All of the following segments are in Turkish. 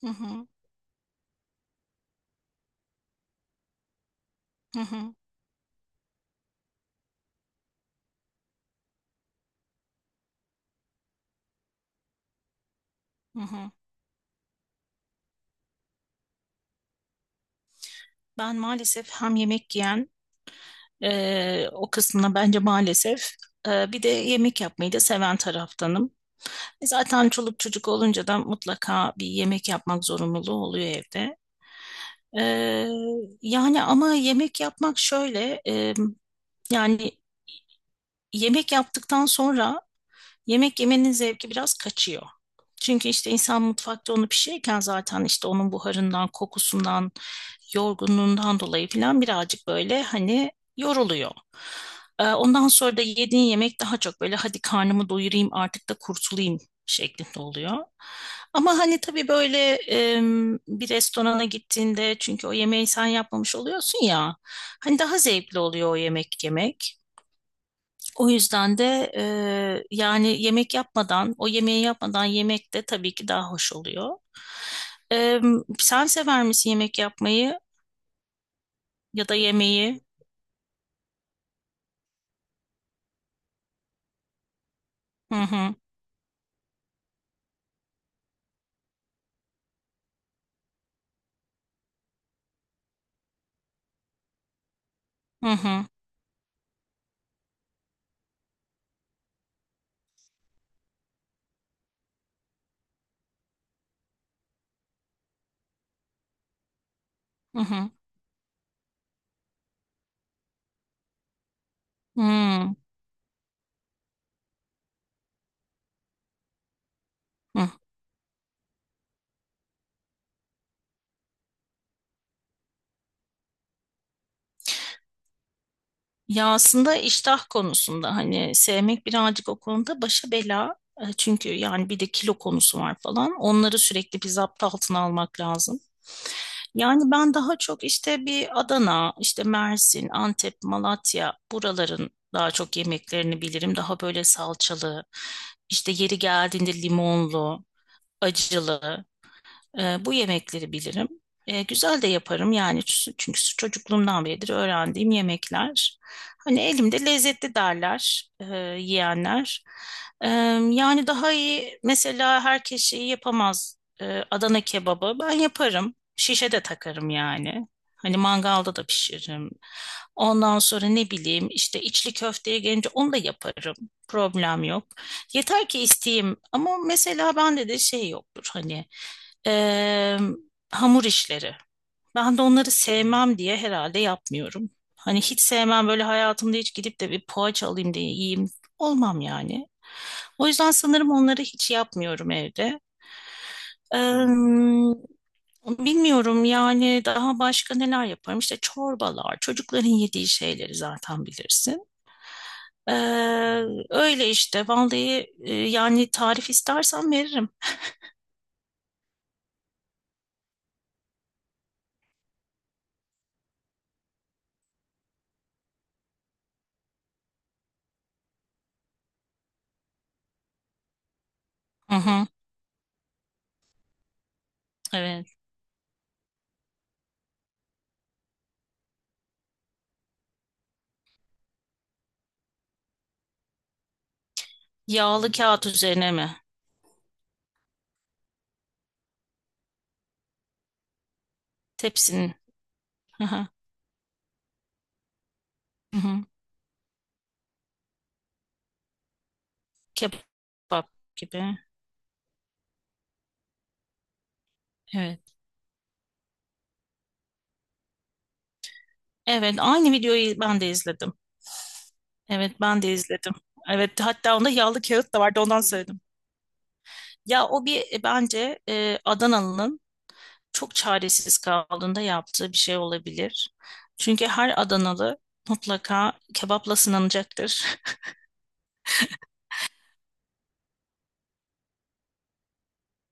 Hı hı, hı hı, hı hı. Ben maalesef hem yemek yiyen o kısmına bence maalesef bir de yemek yapmayı da seven taraftanım. E zaten çoluk çocuk olunca da mutlaka bir yemek yapmak zorunluluğu oluyor evde. E, yani ama yemek yapmak şöyle yani yemek yaptıktan sonra yemek yemenin zevki biraz kaçıyor. Çünkü işte insan mutfakta onu pişirirken zaten işte onun buharından, kokusundan, yorgunluğundan dolayı falan birazcık böyle hani yoruluyor. Ondan sonra da yediğin yemek daha çok böyle hadi karnımı doyurayım artık da kurtulayım şeklinde oluyor. Ama hani tabii böyle bir restorana gittiğinde çünkü o yemeği sen yapmamış oluyorsun ya hani daha zevkli oluyor o yemek yemek. O yüzden de yani yemek yapmadan, o yemeği yapmadan yemek de tabii ki daha hoş oluyor. E, sen sever misin yemek yapmayı ya da yemeği? Hı hı, hı hı, hı hı, hı hı, hı Ya aslında iştah konusunda hani sevmek birazcık o konuda başa bela. Çünkü yani bir de kilo konusu var falan. Onları sürekli bir zapt altına almak lazım. Yani ben daha çok işte bir Adana, işte Mersin, Antep, Malatya buraların daha çok yemeklerini bilirim. Daha böyle salçalı, işte yeri geldiğinde limonlu, acılı. Bu yemekleri bilirim. Güzel de yaparım yani çünkü çocukluğumdan beridir öğrendiğim yemekler. Hani elimde lezzetli derler yiyenler. E, yani daha iyi mesela herkes şeyi yapamaz. Adana kebabı ben yaparım. Şişe de takarım yani. Hani mangalda da pişiririm. Ondan sonra ne bileyim işte içli köfteye gelince onu da yaparım. Problem yok. Yeter ki isteyeyim ama mesela bende de şey yoktur hani Eee, hamur işleri. Ben de onları sevmem diye herhalde yapmıyorum. Hani hiç sevmem böyle hayatımda hiç gidip de bir poğaça alayım diye yiyeyim. Olmam yani. O yüzden sanırım onları hiç yapmıyorum evde. Eee, bilmiyorum yani daha başka neler yaparım. İşte çorbalar, çocukların yediği şeyleri zaten bilirsin. Öyle işte vallahi yani tarif istersen veririm. Hı hı, evet. Yağlı kağıt üzerine mi? Tepsinin. Hı. Hı hı. Kebap gibi. Evet. Evet, aynı videoyu ben de izledim. Evet, ben de izledim. Evet, hatta onda yağlı kağıt da vardı, ondan söyledim. Ya o bir bence Adanalı'nın çok çaresiz kaldığında yaptığı bir şey olabilir. Çünkü her Adanalı mutlaka kebapla sınanacaktır.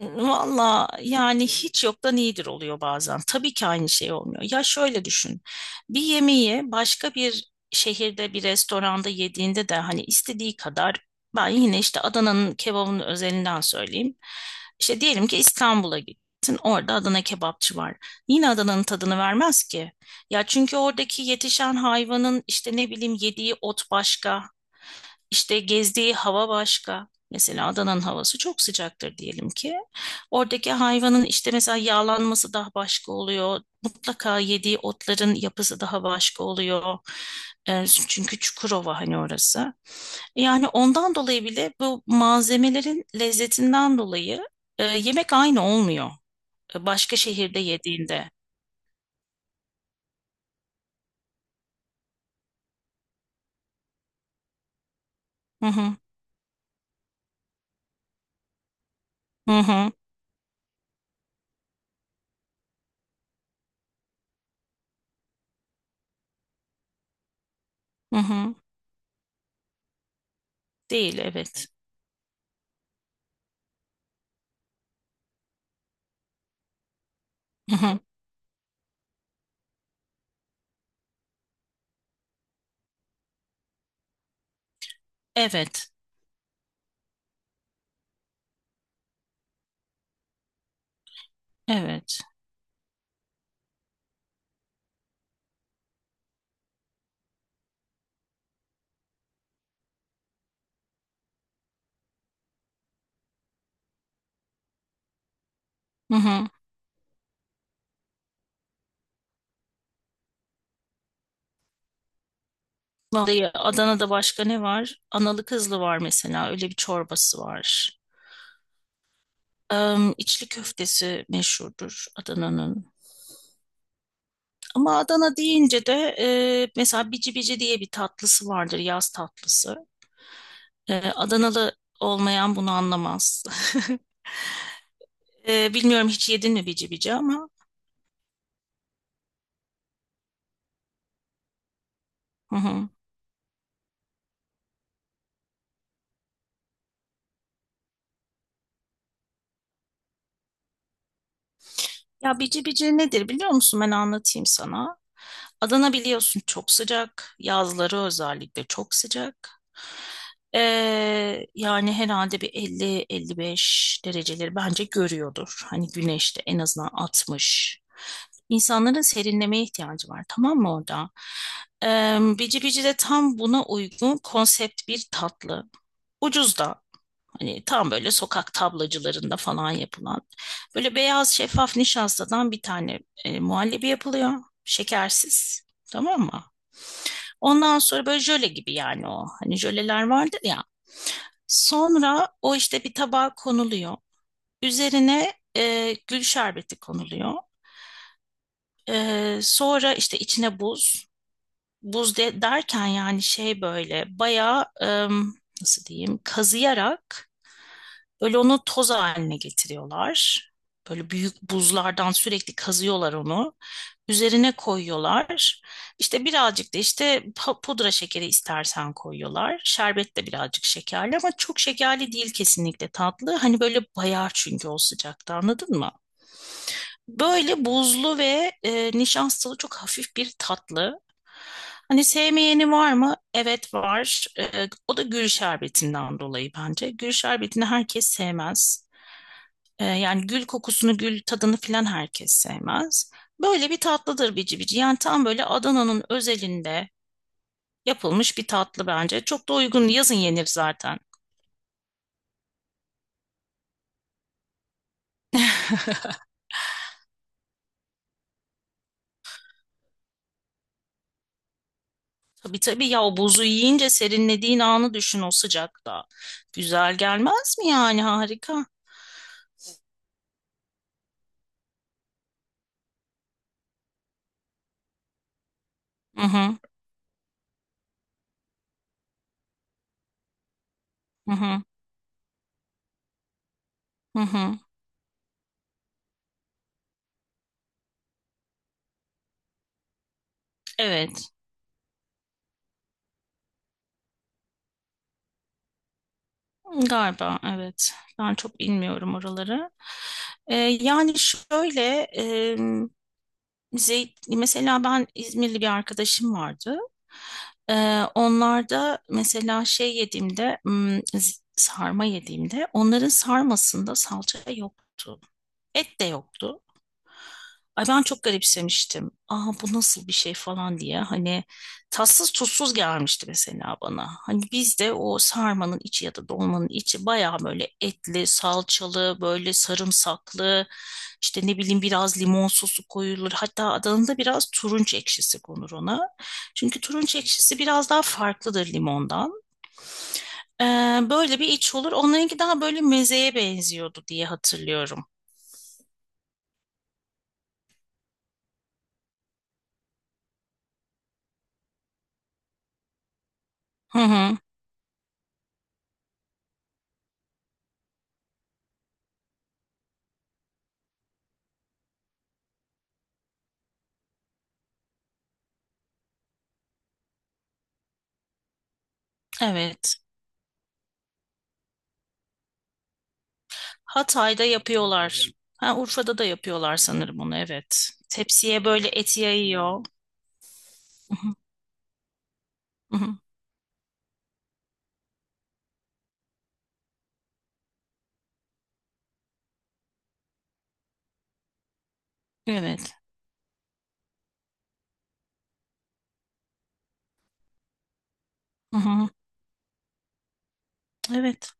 Valla yani hiç yoktan iyidir oluyor bazen. Tabii ki aynı şey olmuyor. Ya şöyle düşün. Bir yemeği başka bir şehirde bir restoranda yediğinde de hani istediği kadar ben yine işte Adana'nın kebabının özelinden söyleyeyim. İşte diyelim ki İstanbul'a gittin. Orada Adana kebapçı var. Yine Adana'nın tadını vermez ki. Ya çünkü oradaki yetişen hayvanın işte ne bileyim yediği ot başka. İşte gezdiği hava başka. Mesela Adana'nın havası çok sıcaktır diyelim ki. Oradaki hayvanın işte mesela yağlanması daha başka oluyor. Mutlaka yediği otların yapısı daha başka oluyor. Çünkü Çukurova hani orası. Yani ondan dolayı bile bu malzemelerin lezzetinden dolayı yemek aynı olmuyor. Başka şehirde yediğinde. Hı hı, hı hı, hı hı. Değil, evet. Hı hı. Evet, evet. Hı hı. Vallahi Adana'da başka ne var? Analı kızlı var mesela. Öyle bir çorbası var. İçli köftesi meşhurdur Adana'nın. Ama Adana deyince de mesela bici bici diye bir tatlısı vardır. Yaz tatlısı. Adanalı olmayan bunu anlamaz. Bilmiyorum hiç yedin mi bici bici ama. Hı hı. Ya bici bici nedir biliyor musun? Ben anlatayım sana. Adana biliyorsun çok sıcak. Yazları özellikle çok sıcak. Yani herhalde bir 50-55 dereceleri bence görüyordur. Hani güneşte en azından 60. İnsanların serinlemeye ihtiyacı var tamam mı orada? Bici bici de tam buna uygun konsept bir tatlı. Ucuz da. Hani tam böyle sokak tablacılarında falan yapılan. Böyle beyaz şeffaf nişastadan bir tane muhallebi yapılıyor. Şekersiz. Tamam mı? Ondan sonra böyle jöle gibi yani o. Hani jöleler vardır ya. Sonra o işte bir tabağa konuluyor. Üzerine gül şerbeti konuluyor. Sonra işte içine buz. Buz de, derken yani şey böyle bayağı nasıl diyeyim kazıyarak böyle onu toz haline getiriyorlar. Böyle büyük buzlardan sürekli kazıyorlar onu. Üzerine koyuyorlar. İşte birazcık da işte pudra şekeri istersen koyuyorlar. Şerbet de birazcık şekerli ama çok şekerli değil kesinlikle tatlı. Hani böyle bayar çünkü o sıcakta anladın mı? Böyle buzlu ve nişastalı çok hafif bir tatlı. Hani sevmeyeni var mı? Evet var. O da gül şerbetinden dolayı bence. Gül şerbetini herkes sevmez. Yani gül kokusunu, gül tadını filan herkes sevmez. Böyle bir tatlıdır bici bici. Yani tam böyle Adana'nın özelinde yapılmış bir tatlı bence. Çok da uygun. Yazın yenir zaten. Tabii tabii ya o buzu yiyince serinlediğin anı düşün o sıcakta. Güzel gelmez mi yani harika. Hı hı, hı hı, hı hı. Evet. Galiba evet. Ben çok bilmiyorum oraları. Yani şöyle e, mesela ben İzmirli bir arkadaşım vardı. Onlar mesela şey yediğimde hmm, sarma yediğimde onların sarmasında salça yoktu. Et de yoktu. Ay ben çok garipsemiştim. Aa bu nasıl bir şey falan diye. Hani tatsız tuzsuz gelmişti mesela bana. Hani bizde o sarmanın içi ya da dolmanın içi bayağı böyle etli, salçalı, böyle sarımsaklı, işte ne bileyim biraz limon sosu koyulur. Hatta Adana'da biraz turunç ekşisi konur ona. Çünkü turunç ekşisi biraz daha farklıdır limondan. Ee, böyle bir iç olur. Onlarınki daha böyle mezeye benziyordu diye hatırlıyorum. Hı hı, evet. Hatay'da yapıyorlar. Ha, Urfa'da da yapıyorlar sanırım onu evet. Tepsiye böyle et yayıyor. Evet. Evet.